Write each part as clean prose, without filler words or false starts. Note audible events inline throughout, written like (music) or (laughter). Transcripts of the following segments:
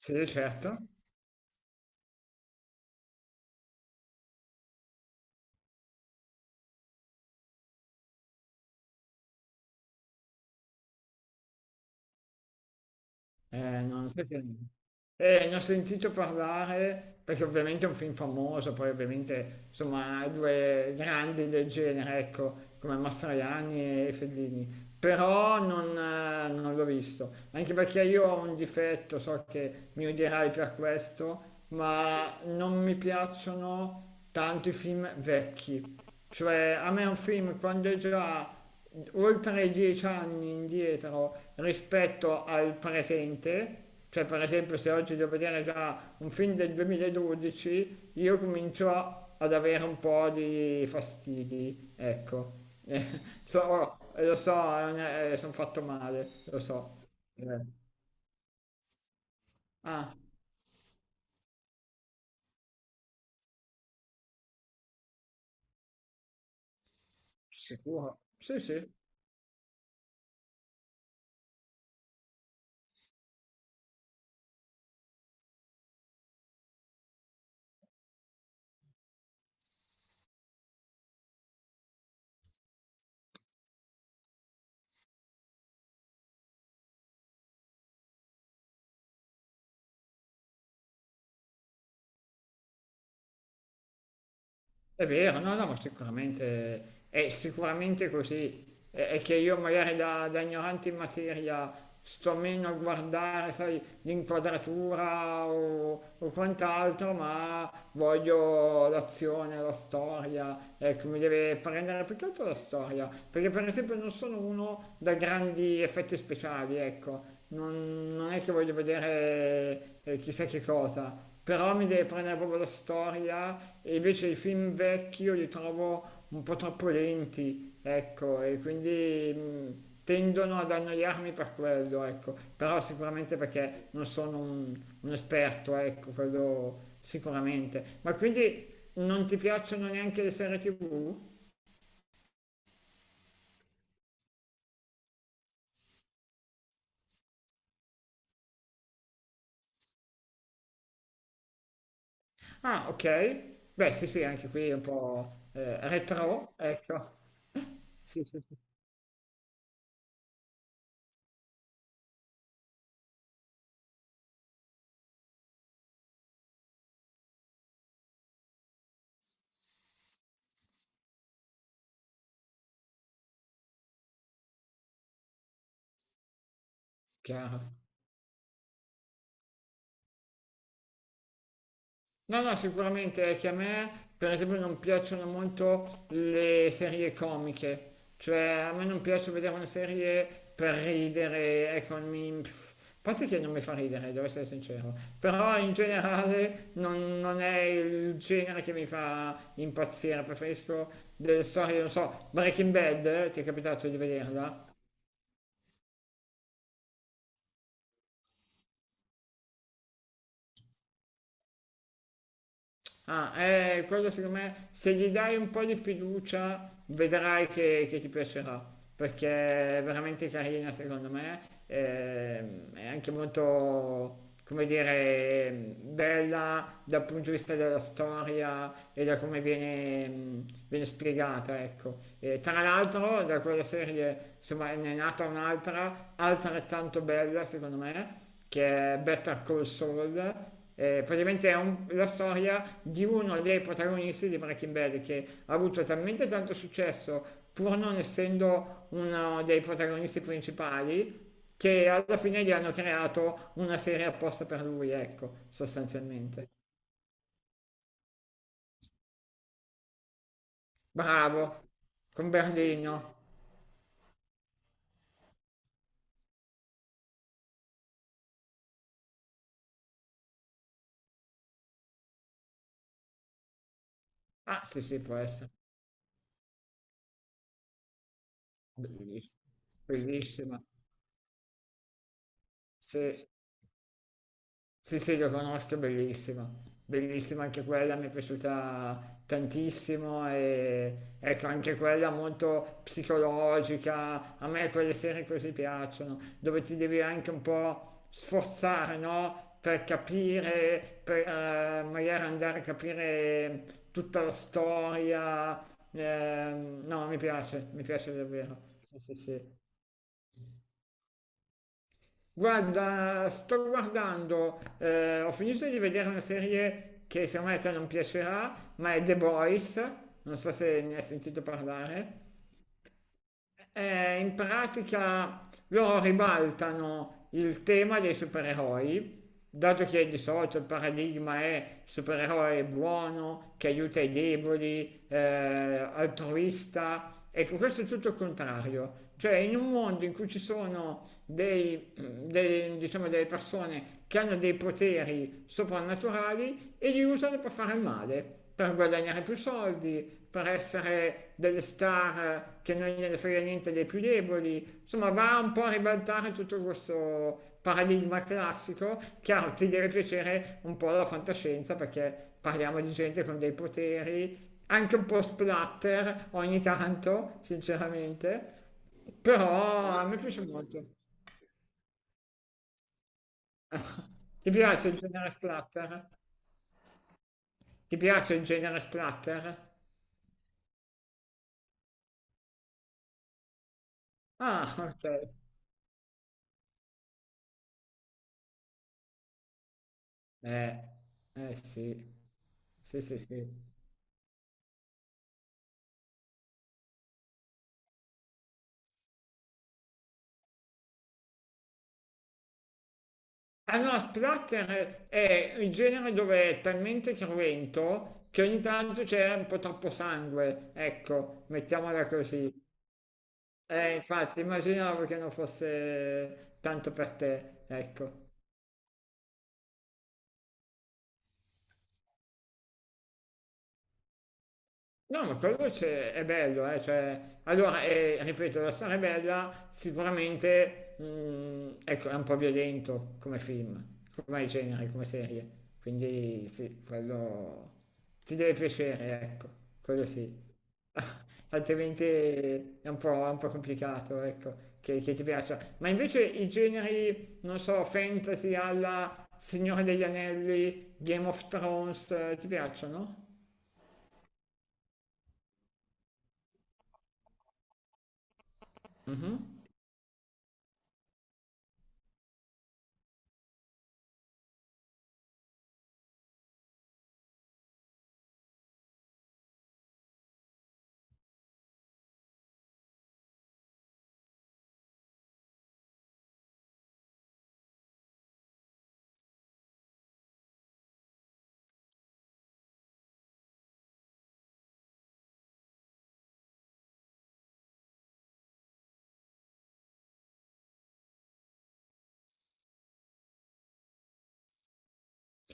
Sì, certo. Non so che- ne ho sentito parlare perché ovviamente è un film famoso, poi ovviamente insomma due grandi del genere, ecco, come Mastroianni e Fellini. Però non l'ho visto, anche perché io ho un difetto, so che mi odierai per questo, ma non mi piacciono tanto i film vecchi. Cioè, a me un film quando è già oltre 10 anni indietro rispetto al presente, cioè per esempio se oggi devo vedere già un film del 2012, io comincio ad avere un po' di fastidi, ecco. (laughs) So, lo so, sono fatto male, lo so. Eh. Ah, sicuro? Sì, sì. È vero, no, no, ma sicuramente è sicuramente così. È che io magari da ignorante in materia sto meno a guardare, sai, l'inquadratura o quant'altro, ma voglio l'azione, la storia, ecco, mi deve prendere più che altro la storia, perché per esempio non sono uno da grandi effetti speciali, ecco. Non è che voglio vedere chissà che cosa, però mi deve prendere proprio la storia e invece i film vecchi io li trovo un po' troppo lenti, ecco, e quindi tendono ad annoiarmi per quello, ecco. Però sicuramente perché non sono un esperto, ecco, quello sicuramente. Ma quindi non ti piacciono neanche le serie TV? Ah, ok. Beh, sì, sì, anche qui è un po' retro, ecco. Sì, sì, sì, chiaro. No, no, sicuramente è che a me, per esempio, non piacciono molto le serie comiche, cioè a me non piace vedere una serie per ridere, ecco, mi... pff, a parte che non mi fa ridere, devo essere sincero, però in generale non è il genere che mi fa impazzire, preferisco delle storie, non so, Breaking Bad, ti è capitato di vederla? Ah, quello secondo me, se gli dai un po' di fiducia, vedrai che ti piacerà, perché è veramente carina secondo me, è anche molto, come dire, bella dal punto di vista della storia e da come viene, viene spiegata, ecco. E tra l'altro, da quella serie, insomma, ne è nata un'altra, altrettanto bella secondo me, che è Better Call Saul, praticamente la storia di uno dei protagonisti di Breaking Bad che ha avuto talmente tanto successo pur non essendo uno dei protagonisti principali che alla fine gli hanno creato una serie apposta per lui, ecco, sostanzialmente. Bravo, con Berlino. Ah, sì, sì, può essere. Bellissima. Bellissima. Sì. Sì, sì, lo conosco, è bellissima. Bellissima anche quella, mi è piaciuta tantissimo e ecco, anche quella molto psicologica. A me quelle serie così piacciono, dove ti devi anche un po' sforzare, no? Per capire, per magari andare a capire tutta la storia. No, mi piace davvero. Sì, sì, sì. Guarda, sto guardando, ho finito di vedere una serie che secondo me a te non piacerà, ma è The Boys, non so se ne hai sentito parlare. In pratica loro ribaltano il tema dei supereroi, dato che di solito il paradigma è supereroe buono, che aiuta i deboli, altruista. Ecco, questo è tutto il contrario. Cioè, in un mondo in cui ci sono diciamo, delle persone che hanno dei poteri soprannaturali e li usano per fare il male per guadagnare più soldi, per essere delle star che non gliene frega niente dei più deboli, insomma va un po' a ribaltare tutto questo paradigma classico, chiaro ti deve piacere un po' la fantascienza perché parliamo di gente con dei poteri, anche un po' splatter ogni tanto, sinceramente, però a me piace molto. Ti piace il genere splatter? Ti piace il genere splatter? Ah, ok. Eh, eh sì. Sì, sì, sì. Ah no, Splatter è il genere dove è talmente cruento che ogni tanto c'è un po' troppo sangue, ecco, mettiamola così. Infatti, immaginavo che non fosse tanto per te, ecco. No, ma è bello, cioè, allora, ripeto, la storia è bella, sicuramente, ecco, è un po' violento come film, come genere, come serie, quindi sì, quello ti deve piacere, ecco, quello sì. (laughs) Altrimenti è un po' complicato, ecco, che ti piaccia. Ma invece i generi, non so, fantasy alla Signore degli Anelli, Game of Thrones, ti piacciono?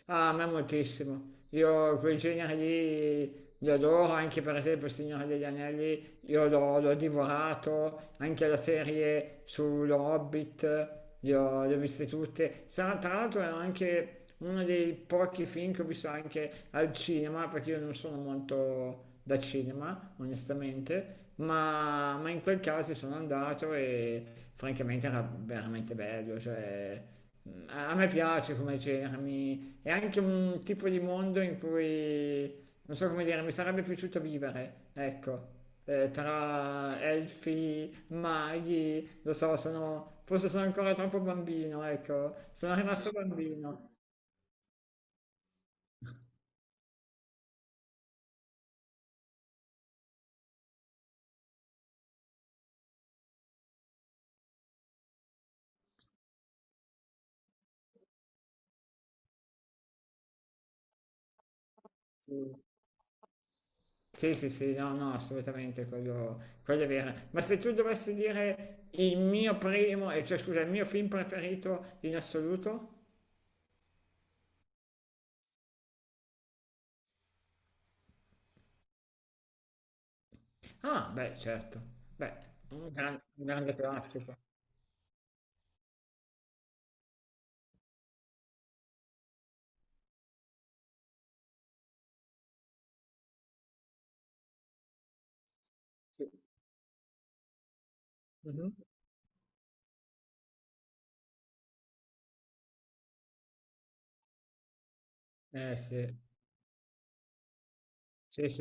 Ah, a me moltissimo. Io quei generi lì li adoro, anche per esempio Il Signore degli Anelli, io l'ho divorato, anche la serie sullo Hobbit, le ho viste tutte. Tra l'altro è anche uno dei pochi film che ho visto anche al cinema, perché io non sono molto da cinema, onestamente, ma in quel caso sono andato e francamente era veramente bello, cioè... A me piace come genere, mi, è anche un tipo di mondo in cui, non so come dire, mi sarebbe piaciuto vivere, ecco, tra elfi, maghi, lo so, sono, forse sono ancora troppo bambino, ecco, sono rimasto bambino. Sì, sì, sì, sì, no, no, assolutamente, quello è vero. Ma se tu dovessi dire il mio primo, cioè scusa, il mio film preferito in assoluto? Ah, beh, certo, beh, un grande classico. Sì. Mhm. Eh sì, Sì, sì.